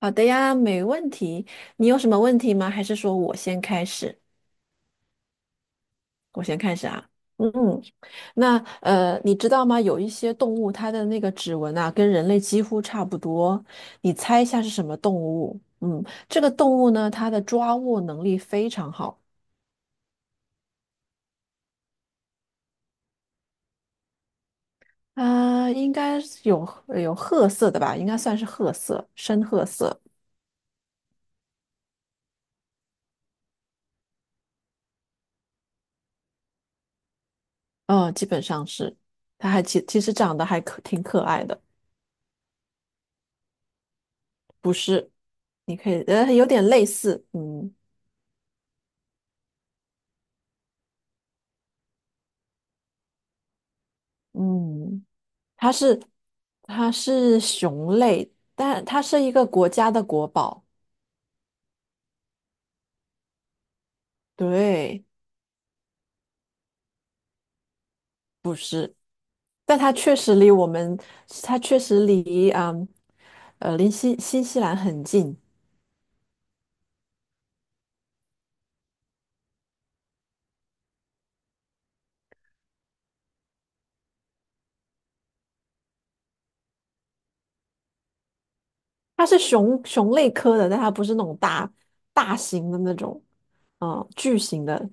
好的呀，没问题。你有什么问题吗？还是说我先开始？我先开始啊。嗯，那你知道吗？有一些动物它的那个指纹啊，跟人类几乎差不多。你猜一下是什么动物？嗯，这个动物呢，它的抓握能力非常好。啊、应该是有有褐色的吧？应该算是褐色，深褐色。嗯，基本上是。它还其实长得还可挺可爱的，不是？你可以有点类似，嗯。嗯，它是它是熊类，但它是一个国家的国宝，对，是，但它确实离我们，它确实离嗯，离新西兰很近。它是熊类科的，但它不是那种大型的那种，嗯，巨型的。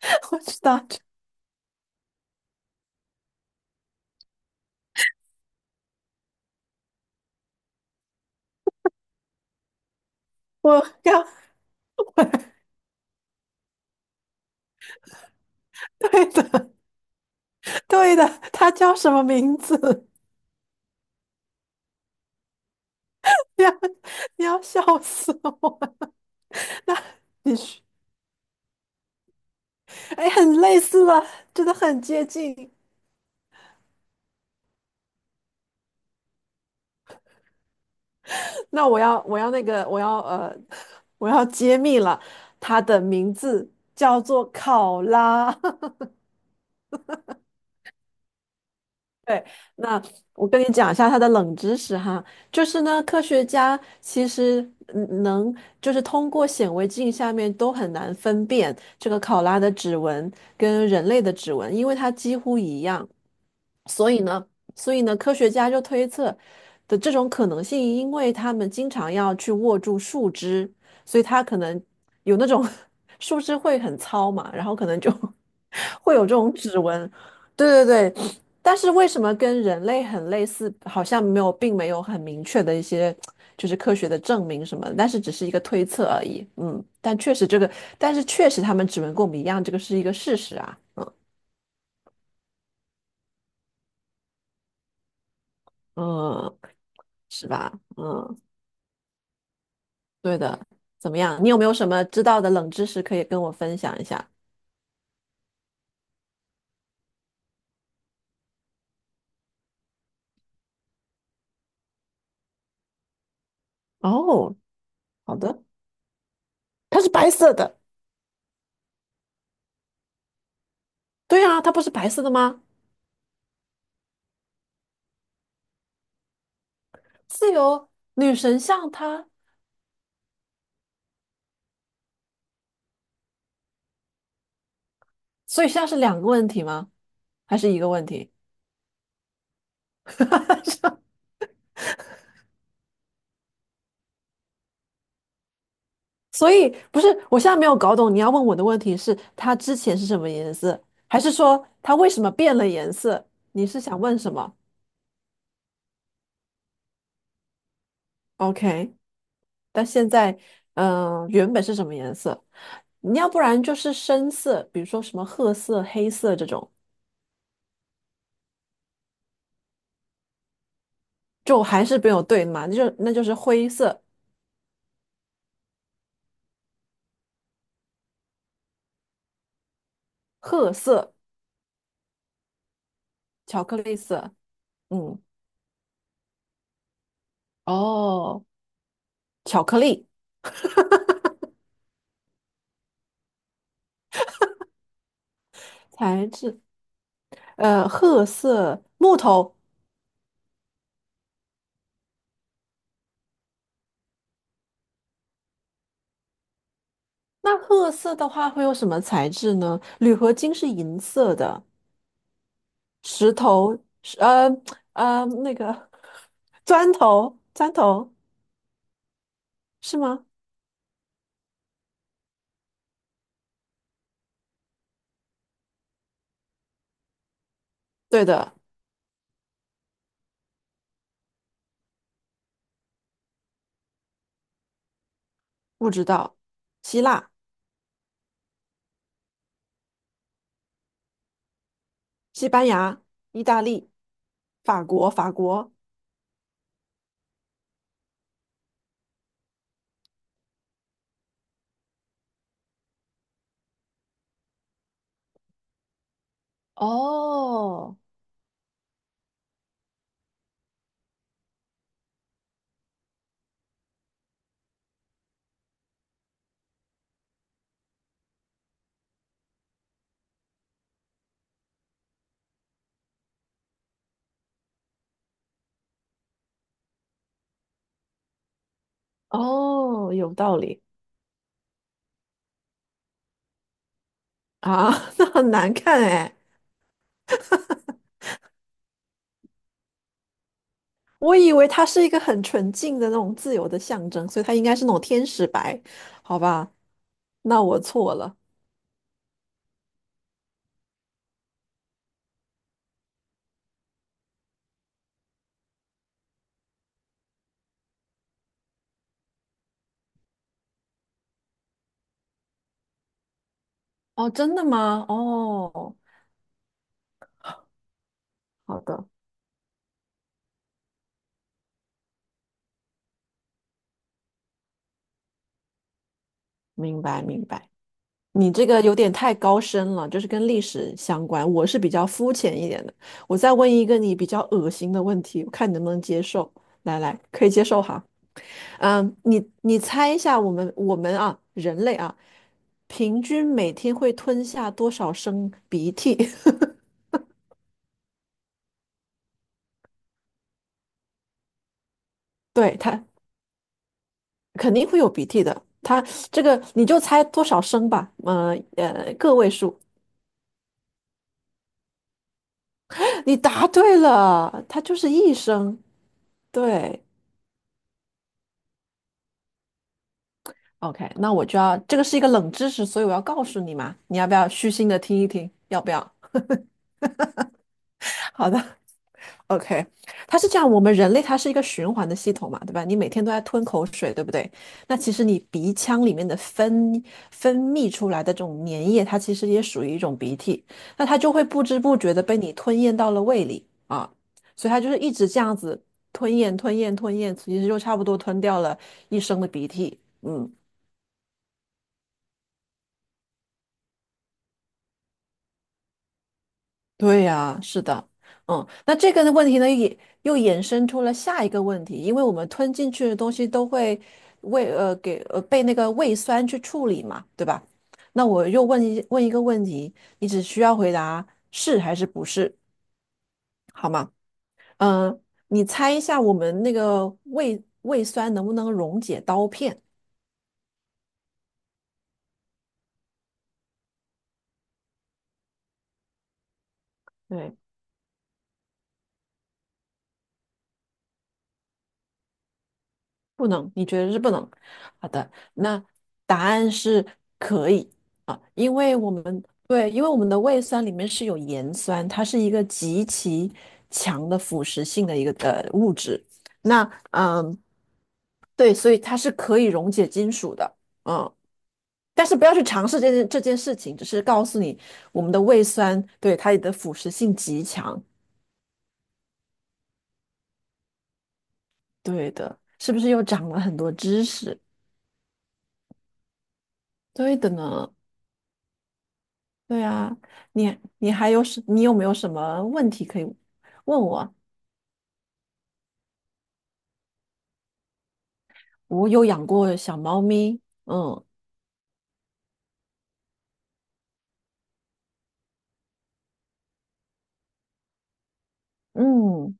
我知道，我要 对的对的，它叫什么名字？你要你要笑死我！那你说。哎，很类似了，真的很接近。那我要，我要那个，我要揭秘了，它的名字叫做考拉。对，那我跟你讲一下它的冷知识哈，就是呢，科学家其实能就是通过显微镜下面都很难分辨这个考拉的指纹跟人类的指纹，因为它几乎一样，所以呢，所以呢，科学家就推测的这种可能性，因为他们经常要去握住树枝，所以它可能有那种 树枝会很糙嘛，然后可能就 会有这种指纹。对对对，但是为什么跟人类很类似，好像没有，并没有很明确的一些就是科学的证明什么的但是只是一个推测而已。嗯，但确实这个，但是确实他们指纹跟我们一样，这个是一个事实啊。嗯嗯，是吧？嗯，对的。怎么样？你有没有什么知道的冷知识可以跟我分享一下？哦，好的。它是白色的，对啊，它不是白色的吗？自由女神像它，所以现在是两个问题吗？还是一个问题？所以不是，我现在没有搞懂你要问我的问题是它之前是什么颜色，还是说它为什么变了颜色？你是想问什么？OK，但现在，原本是什么颜色？你要不然就是深色，比如说什么褐色、黑色这种，就还是没有对嘛，那就是灰色、褐色、巧克力色，嗯，哦，巧克力材质，褐色木头。那褐色的话会有什么材质呢？铝合金是银色的，石头是那个砖头是吗？对的，不知道。希腊、西班牙、意大利、法国。哦哦，有道理啊，那很难看哎。我以为它是一个很纯净的那种自由的象征，所以它应该是那种天使白，好吧？那我错了。哦，真的吗？哦，好的，明白明白。你这个有点太高深了，就是跟历史相关。我是比较肤浅一点的。我再问一个你比较恶心的问题，我看你能不能接受。来来，可以接受哈。嗯，你你猜一下，我们啊，人类啊，平均每天会吞下多少升鼻涕？对，它肯定会有鼻涕的。它这个你就猜多少升吧，个位数。你答对了，它就是一声。对，OK，那我就要，这个是一个冷知识，所以我要告诉你嘛，你要不要虚心的听一听？要不要？好的，OK，它是这样，我们人类它是一个循环的系统嘛，对吧？你每天都在吞口水，对不对？那其实你鼻腔里面的分泌出来的这种粘液，它其实也属于一种鼻涕，那它就会不知不觉的被你吞咽到了胃里啊，所以它就是一直这样子吞咽、吞咽、吞咽，其实就差不多吞掉了一升的鼻涕。嗯，对呀，是的，嗯，那这个的问题呢，也又衍生出了下一个问题，因为我们吞进去的东西都会被那个胃酸去处理嘛，对吧？那我又问一个问题，你只需要回答是还是不是，好吗？嗯，你猜一下我们那个胃酸能不能溶解刀片？对不能，你觉得是不能？好的，那答案是可以啊，因为我们对，因为我们的胃酸里面是有盐酸，它是一个极其强的腐蚀性的一个的物质。那嗯，对，所以它是可以溶解金属的，嗯，但是不要去尝试这件事情，只是告诉你我们的胃酸对它的腐蚀性极强。对的，是不是又长了很多知识？对的呢。对啊，你你还有什？你有没有什么问题可以问我？我有养过小猫咪，嗯嗯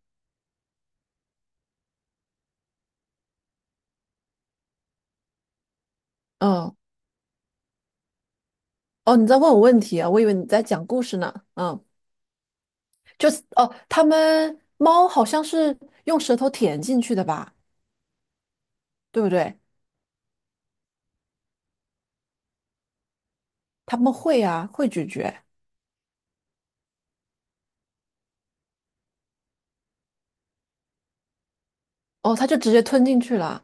嗯，哦，你在问我问题啊？我以为你在讲故事呢。嗯，就是哦，它们猫好像是用舌头舔进去的吧？对不对？它们会啊，会咀嚼。哦，它就直接吞进去了。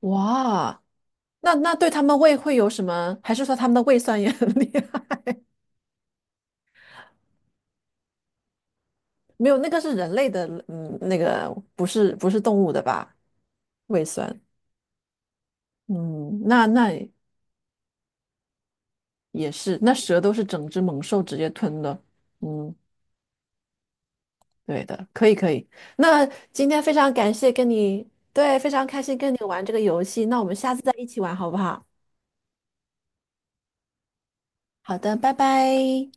哇，那那对它们胃会有什么？还是说它们的胃酸也很厉害？没有，那个是人类的，嗯，那个不是不是动物的吧？胃酸，嗯，那那也是，那蛇都是整只猛兽直接吞的，嗯，对的，可以可以。那今天非常感谢跟你，对，非常开心跟你玩这个游戏，那我们下次再一起玩好不好？好的，拜拜。